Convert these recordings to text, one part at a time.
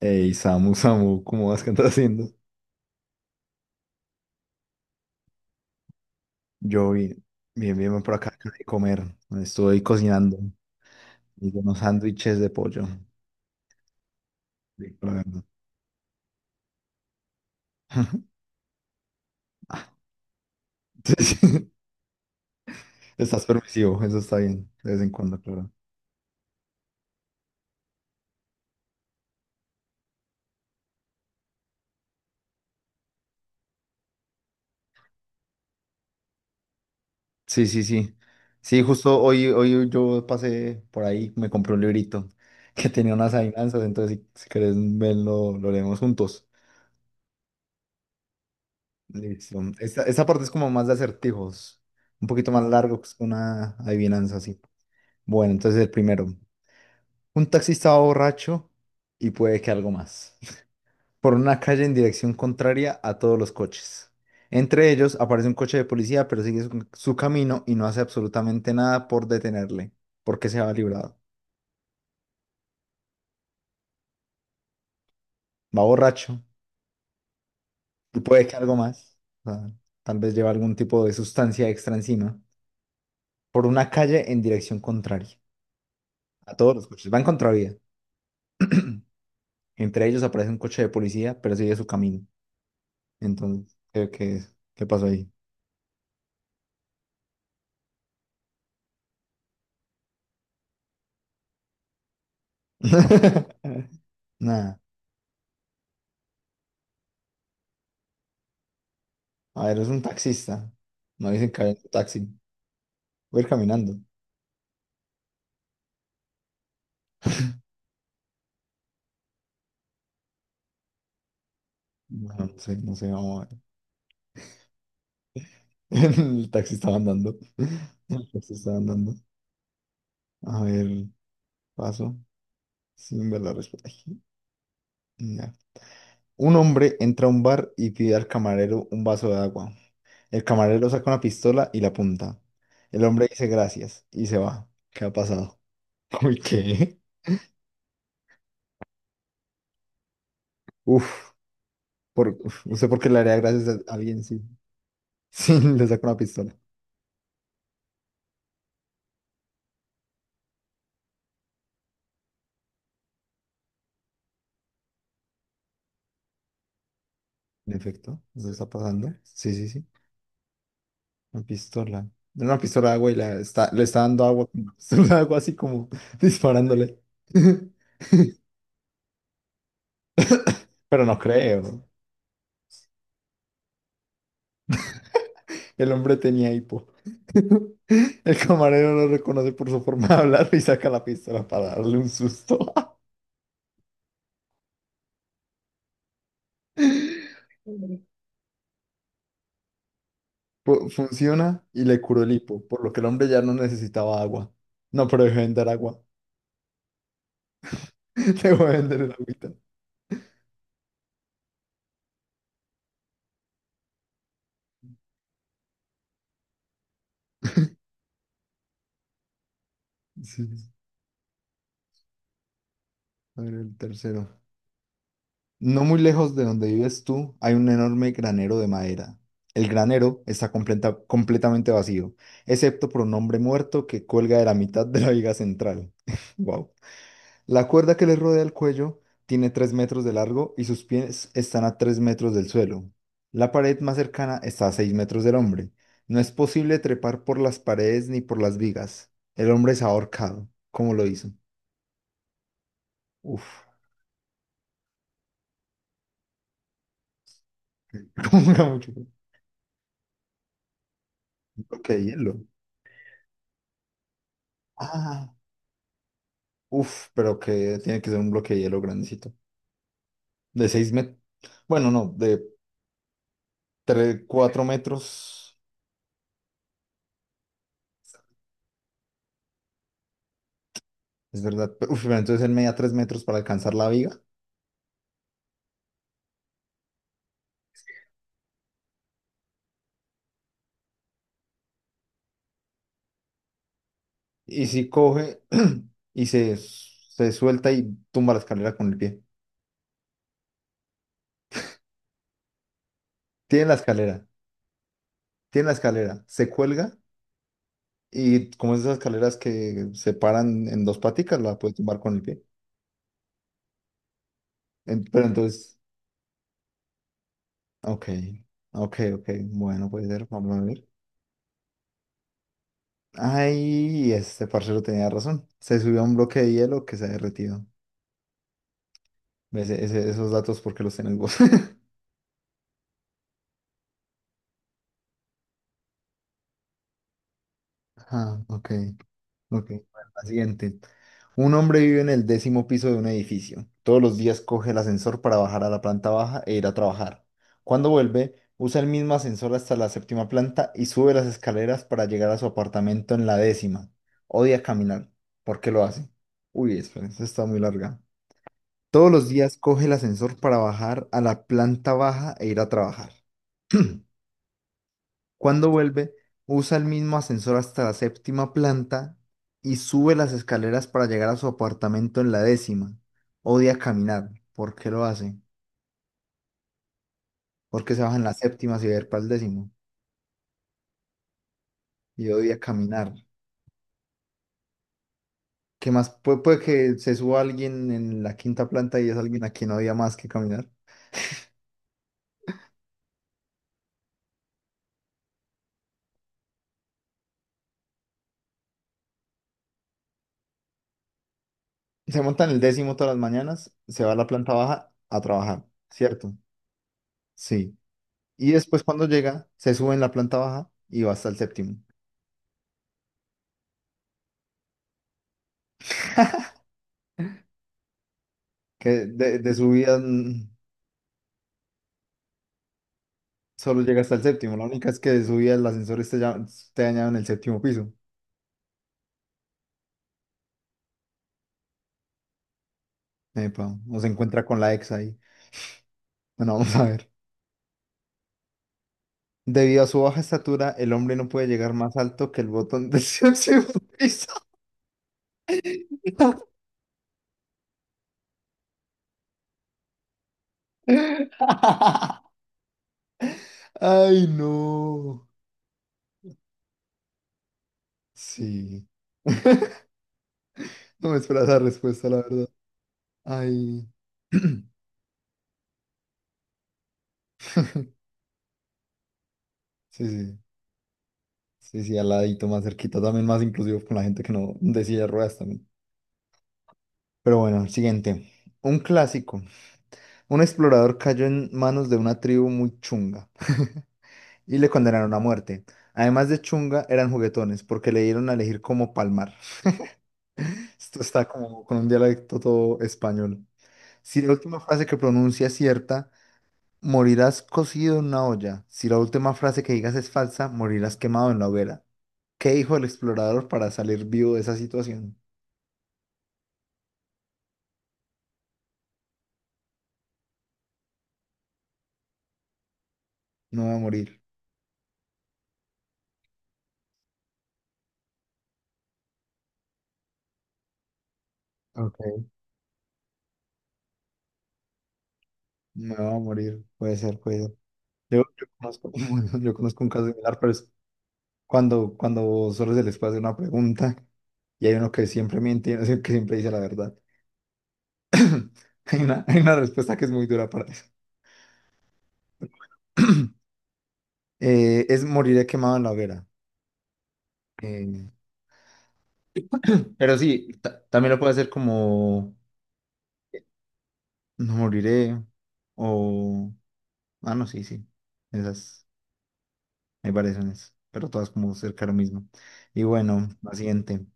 Ey, Samu, Samu, ¿cómo vas? ¿Qué andas haciendo? Yo bien, bien, bien, por acá, acabo de comer. Estoy cocinando, hice unos sándwiches de pollo. Rico, la verdad. Ah, sí, sí. Estás permisivo, eso está bien, de vez en cuando, claro. Sí, sí, sí. Sí, justo hoy yo pasé por ahí, me compré un librito que tenía unas adivinanzas, entonces si querés verlo, lo leemos juntos. Listo. Esta parte es como más de acertijos, un poquito más largo que una adivinanza, sí. Bueno, entonces el primero. Un taxista va borracho y puede que algo más. Por una calle en dirección contraria a todos los coches. Entre ellos aparece un coche de policía, pero sigue su camino y no hace absolutamente nada por detenerle, porque se va librado. Va borracho y puede que algo más. O sea, tal vez lleva algún tipo de sustancia extra encima. Por una calle en dirección contraria a todos los coches. Va en contravía. Entre ellos aparece un coche de policía, pero sigue su camino. Entonces, ¿qué pasó ahí? Nada. A ver, es un taxista. No dicen que hay un taxi. Voy a ir caminando. Bueno, no sé, no sé, vamos a ver. El taxista va andando. El taxista va andando. A ver, paso. Sin ver la respuesta. Ay, ya. Un hombre entra a un bar y pide al camarero un vaso de agua. El camarero saca una pistola y la apunta. El hombre dice gracias y se va. ¿Qué ha pasado? Uy, ¿qué? Uf, no sé por qué le haría gracias a alguien, sí. Sí, le saca una pistola. En efecto, eso está pasando. Sí, sí, sí. Una pistola. Una pistola de agua y le está dando agua con una pistola de agua, así como disparándole. Pero no creo. El hombre tenía hipo. El camarero no lo reconoce por su forma de hablar y saca la pistola para darle un susto. Funciona y le curó el hipo, por lo que el hombre ya no necesitaba agua. No, pero dejó de vender agua. Dejó de vender el agüita. Sí, sí, sí. A ver, el tercero. No muy lejos de donde vives tú hay un enorme granero de madera. El granero está completamente vacío, excepto por un hombre muerto que cuelga de la mitad de la viga central. Wow. La cuerda que le rodea el cuello tiene 3 metros de largo y sus pies están a 3 metros del suelo. La pared más cercana está a 6 metros del hombre. No es posible trepar por las paredes ni por las vigas. El hombre es ahorcado. ¿Cómo lo hizo? Uf, como mucho. Bloque de hielo. Ah, uf, pero que tiene que ser un bloque de hielo grandecito. De 6 metros. Bueno, no, de 3, 4 metros. Es verdad. Uf, pero entonces él media 3 metros para alcanzar la viga. Y si coge y se suelta y tumba la escalera con el pie. Tiene la escalera, tiene la escalera. Se cuelga, y como es esas escaleras que se paran en dos paticas, la puede tumbar con el pie. Pero entonces, ok, ok, ok. Bueno, puede ser. Vamos a ver. Ay, este parcero tenía razón. Se subió a un bloque de hielo que se ha derretido. ¿Ves? Esos datos, ¿porque los tenés vos? Ah, ok, ok. Bueno, la siguiente. Un hombre vive en el décimo piso de un edificio. Todos los días coge el ascensor para bajar a la planta baja e ir a trabajar. Cuando vuelve, usa el mismo ascensor hasta la séptima planta y sube las escaleras para llegar a su apartamento en la décima. Odia caminar. ¿Por qué lo hace? Uy, espera, esta está muy larga. Todos los días coge el ascensor para bajar a la planta baja e ir a trabajar. Cuando vuelve, usa el mismo ascensor hasta la séptima planta y sube las escaleras para llegar a su apartamento en la décima. Odia caminar. ¿Por qué lo hace? Porque se baja en la séptima si ver para el décimo. Y odia caminar. ¿Qué más? Puede que se suba alguien en la quinta planta y es alguien a quien odia más que caminar. Se monta en el décimo todas las mañanas, se va a la planta baja a trabajar, ¿cierto? Sí. Y después cuando llega, se sube en la planta baja y va hasta el séptimo. Que de subida mm, solo llega hasta el séptimo. La única es que de subida el ascensor está dañado en el séptimo piso. Epa, o se encuentra con la ex ahí. Bueno, vamos a ver. Debido a su baja estatura, el hombre no puede llegar más alto que el botón del séptimo piso. Ay, no. Sí. No me esperaba esa respuesta, la verdad. Ay. Sí, sí. Sí, sí, al ladito, más cerquita, también más inclusivo con la gente que no de silla de ruedas también. Pero bueno, el siguiente. Un clásico. Un explorador cayó en manos de una tribu muy chunga y le condenaron a muerte. Además de chunga, eran juguetones porque le dieron a elegir cómo palmar. Esto está como con un dialecto todo español. Si la última frase que pronuncia es cierta, morirás cocido en una olla. Si la última frase que digas es falsa, morirás quemado en la hoguera. ¿Qué dijo el explorador para salir vivo de esa situación? No va a morir. Ok, me va a morir, puede ser, puede ser. Yo conozco, bueno, yo conozco un caso similar, pero es cuando solo se les puede hacer una pregunta y hay uno que siempre miente, y uno que siempre dice la verdad. Hay una respuesta que es muy dura para eso. Es moriré quemado en la hoguera. Eh, pero sí, también lo puede hacer como no moriré o... Ah, no, sí, sí. Esas, hay variaciones, pero todas como cerca de lo mismo. Y bueno, la siguiente.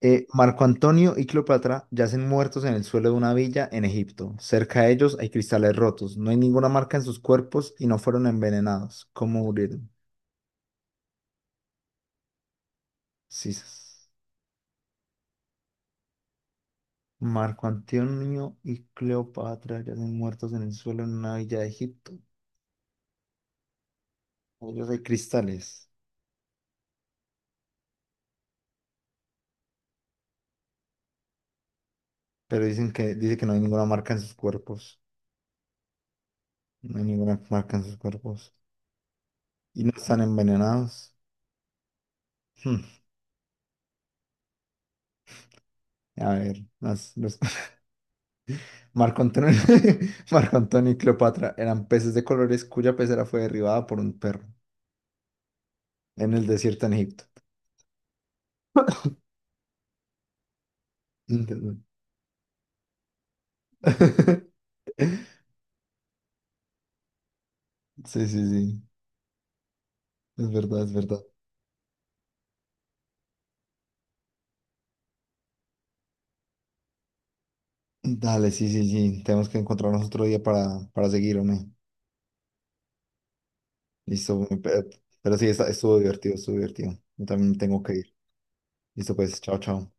Marco Antonio y Cleopatra yacen muertos en el suelo de una villa en Egipto. Cerca de ellos hay cristales rotos. No hay ninguna marca en sus cuerpos y no fueron envenenados. ¿Cómo murieron? Sí, sí, sí. Marco Antonio y Cleopatra yacen muertos en el suelo en una villa de Egipto. Ellos hay cristales, pero dice que no hay ninguna marca en sus cuerpos. No hay ninguna marca en sus cuerpos. Y no están envenenados. Hmm. A ver, los Marco Antonio, Marco Antonio y Cleopatra eran peces de colores cuya pecera fue derribada por un perro en el desierto en Egipto. Entiendo. Sí, sí, sí. Es verdad, es verdad. Dale, sí, sí, sí. Tenemos que encontrarnos otro día para seguir, hombre. Listo, hombre. Pero sí, estuvo divertido, estuvo divertido. Yo también tengo que ir. Listo, pues. Chao, chao.